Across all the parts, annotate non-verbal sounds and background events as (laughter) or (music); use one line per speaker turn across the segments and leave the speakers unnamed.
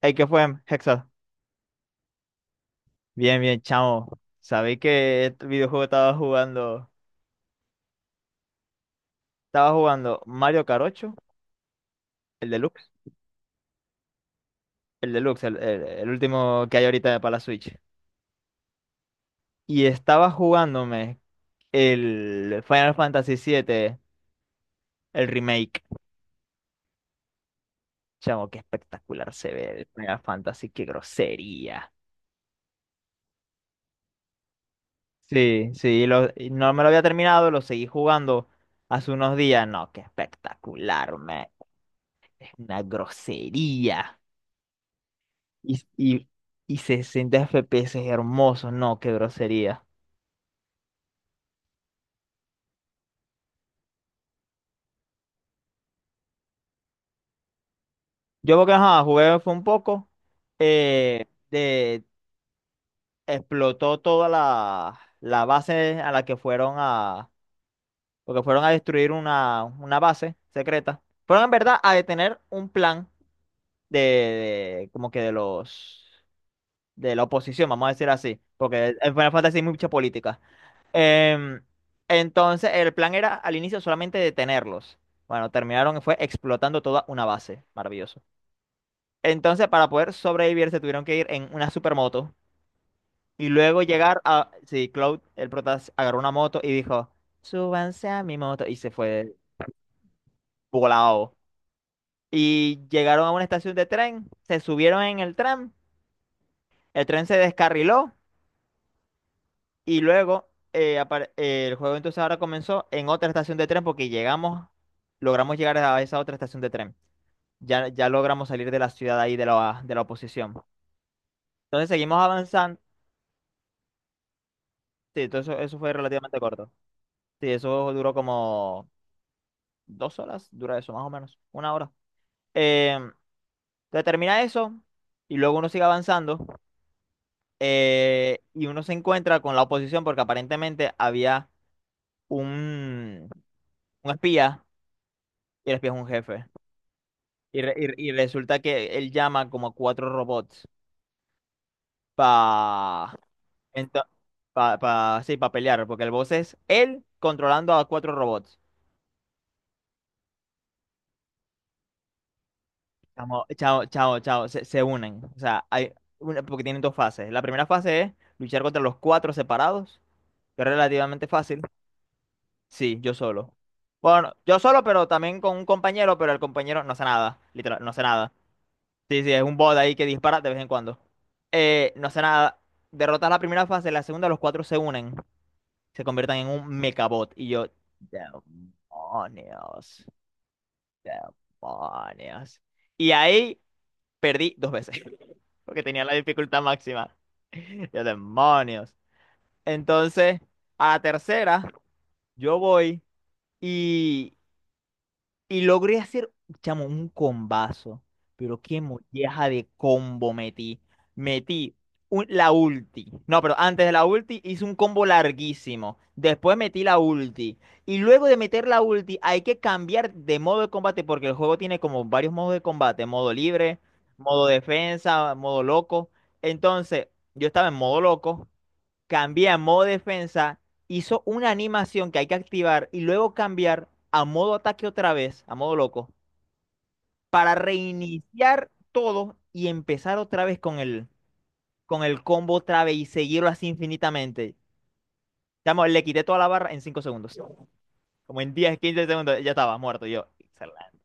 Hey, ¿qué fue, Hexa? Bien, bien, chamo. Sabéis que este videojuego estaba jugando. Estaba jugando Mario Kart 8, el deluxe. El deluxe, el último que hay ahorita para la Switch. Y estaba jugándome el Final Fantasy 7, el remake. Chamo, qué espectacular se ve el Final Fantasy, qué grosería. Sí, sí, y no me lo había terminado, lo seguí jugando hace unos días. No, qué espectacular, me. Es una grosería. Y, y, y 60 FPS es hermoso, no, qué grosería. Yo porque ajá, jugué fue un poco, de, explotó toda la base a la que fueron a, porque fueron a destruir una base secreta. Fueron en verdad a detener un plan de, como que de la oposición, vamos a decir así, porque en Final Fantasy hay mucha política. Em, entonces, el plan era al inicio solamente detenerlos. Bueno, terminaron, fue explotando toda una base. Maravilloso. Entonces, para poder sobrevivir, se tuvieron que ir en una supermoto. Y luego llegar a... Sí, Cloud, el prota, agarró una moto y dijo, súbanse a mi moto. Y se fue volado. Y llegaron a una estación de tren, se subieron en el tren se descarriló. Y luego el juego entonces ahora comenzó en otra estación de tren porque logramos llegar a esa otra estación de tren. Ya, ya logramos salir de la ciudad ahí de la oposición. Entonces seguimos avanzando. Sí, todo eso fue relativamente corto. Sí, eso duró como 2 horas, dura eso más o menos, una hora. Eh, entonces termina eso y luego uno sigue avanzando y uno se encuentra con la oposición porque aparentemente había un, un espía y el espía es un jefe. Y resulta que él llama como a cuatro robots para sí, pa pelear, porque el boss es él controlando a cuatro robots. Chamo, chao, chao, chao, se unen. O sea, hay porque tienen dos fases. La primera fase es luchar contra los cuatro separados, que es relativamente fácil. Sí, yo solo. Bueno, yo solo, pero también con un compañero, pero el compañero no hace nada, literal, no hace nada. Sí, sí, es un bot ahí que dispara de vez en cuando. No hace nada. Derrotas la primera fase, la segunda los cuatro se unen, se convierten en un mecabot. Y yo, demonios, demonios. Y ahí perdí dos veces, (laughs) porque tenía la dificultad máxima. (laughs) Yo, demonios. Entonces, a la tercera, yo voy. Y logré hacer, chamo, un combazo. Pero qué molleja de combo metí. Metí la ulti. No, pero antes de la ulti hice un combo larguísimo. Después metí la ulti. Y luego de meter la ulti hay que cambiar de modo de combate porque el juego tiene como varios modos de combate. Modo libre, modo defensa, modo loco. Entonces, yo estaba en modo loco, cambié a modo defensa, hizo una animación que hay que activar y luego cambiar a modo ataque otra vez, a modo loco, para reiniciar todo y empezar otra vez con el, combo otra vez y seguirlo así infinitamente. Chamo, le quité toda la barra en 5 segundos. Como en 10 15 segundos, ya estaba muerto. Yo, excelente.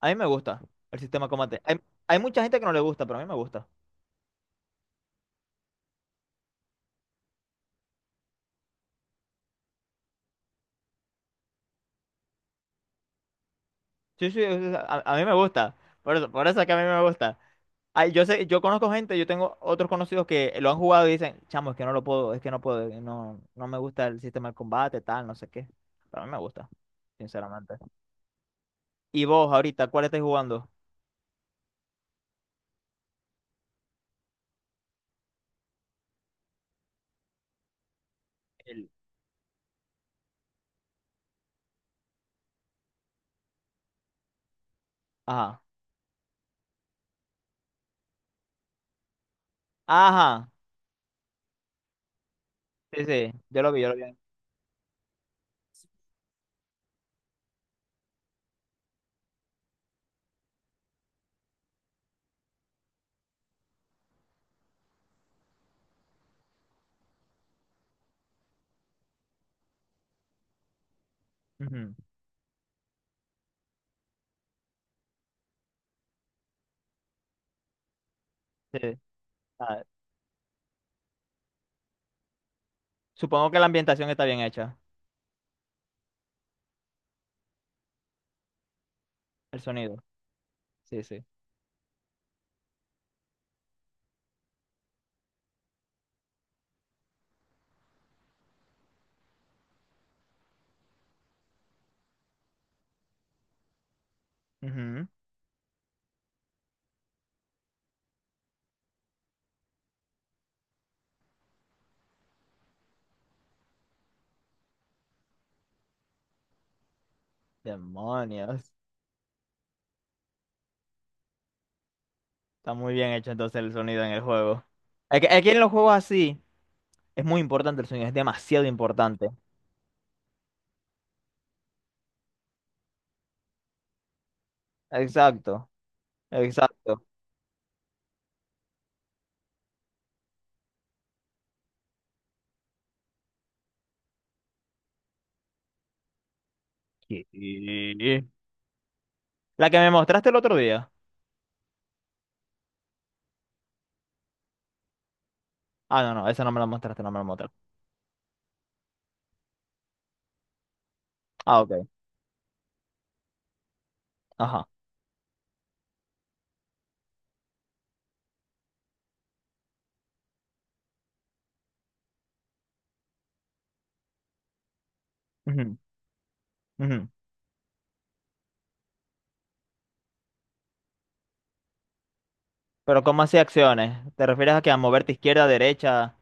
A mí me gusta el sistema de combate. Hay mucha gente que no le gusta, pero a mí me gusta. Sí, sí, a mí me gusta. Por eso es que a mí me gusta. Ay, yo sé, yo conozco gente, yo tengo otros conocidos que lo han jugado y dicen, chamo, es que no lo puedo, es que no puedo, no, no me gusta el sistema de combate, tal, no sé qué. Pero a mí me gusta, sinceramente. Y vos, ahorita, ¿cuál estáis jugando? El- Ajá. Ajá. Sí, sí, yo lo vi, yo lo vi. Ujú, sí. Ah, supongo que la ambientación está bien hecha, el sonido. Sí, sí. Ujú. Demonios. Está muy bien hecho entonces el sonido en el juego. Es que en los juegos así es muy importante el sonido, es demasiado importante. Exacto. Exacto. ¿Qué? La que me mostraste el otro día. Ah, no, no, esa no me la mostraste, no me la mostraste. Ah, ok. Ajá. Ujú, ujú. Pero ¿cómo así acciones? ¿Te refieres a que a moverte izquierda, derecha?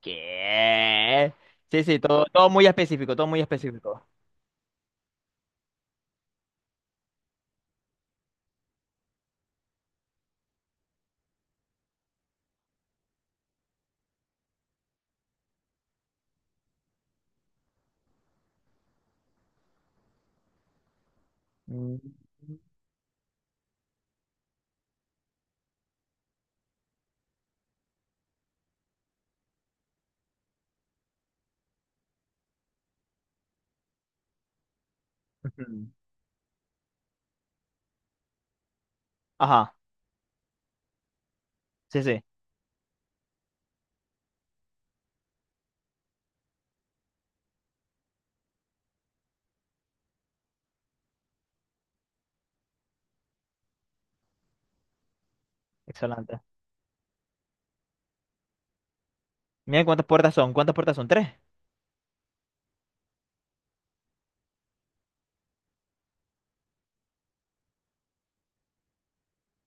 ¿Qué? Sí, sí, todo, todo muy específico, todo muy específico. Mm, ujú. Ajá. Sí, sí. Excelente. Miren cuántas puertas son, tres.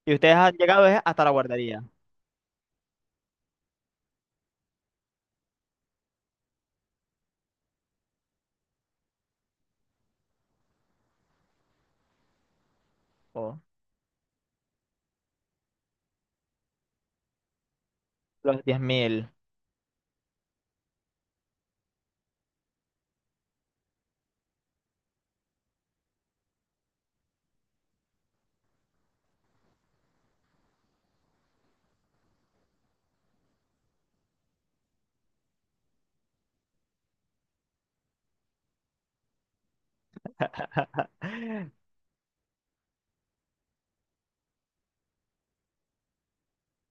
Y ustedes han llegado hasta la guardería. Oh, los 10.000. (laughs)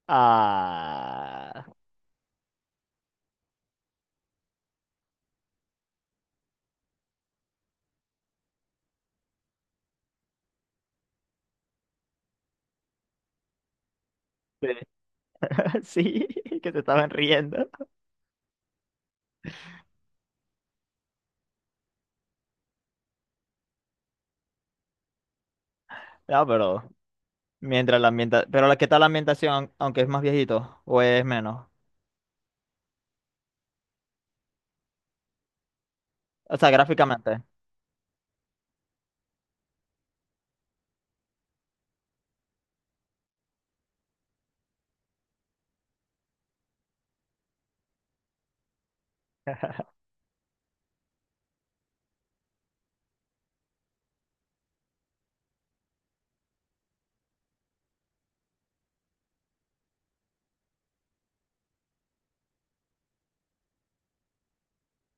Ah. Sí. (laughs) Sí, (laughs) que se estaban riendo. No, pero mientras la ambienta, pero ¿qué tal la ambientación, aunque es más viejito o es menos? O sea, gráficamente. (laughs)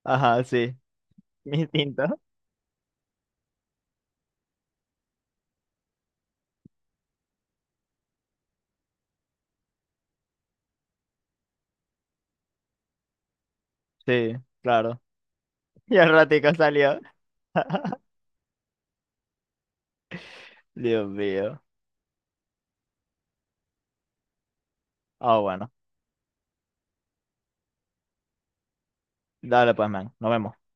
Ajá, sí. Mi Distinto. Sí, claro. (laughs) Y al ratico salió. (laughs) Dios mío. Ah, bueno. Dale pues, man. Nos vemos.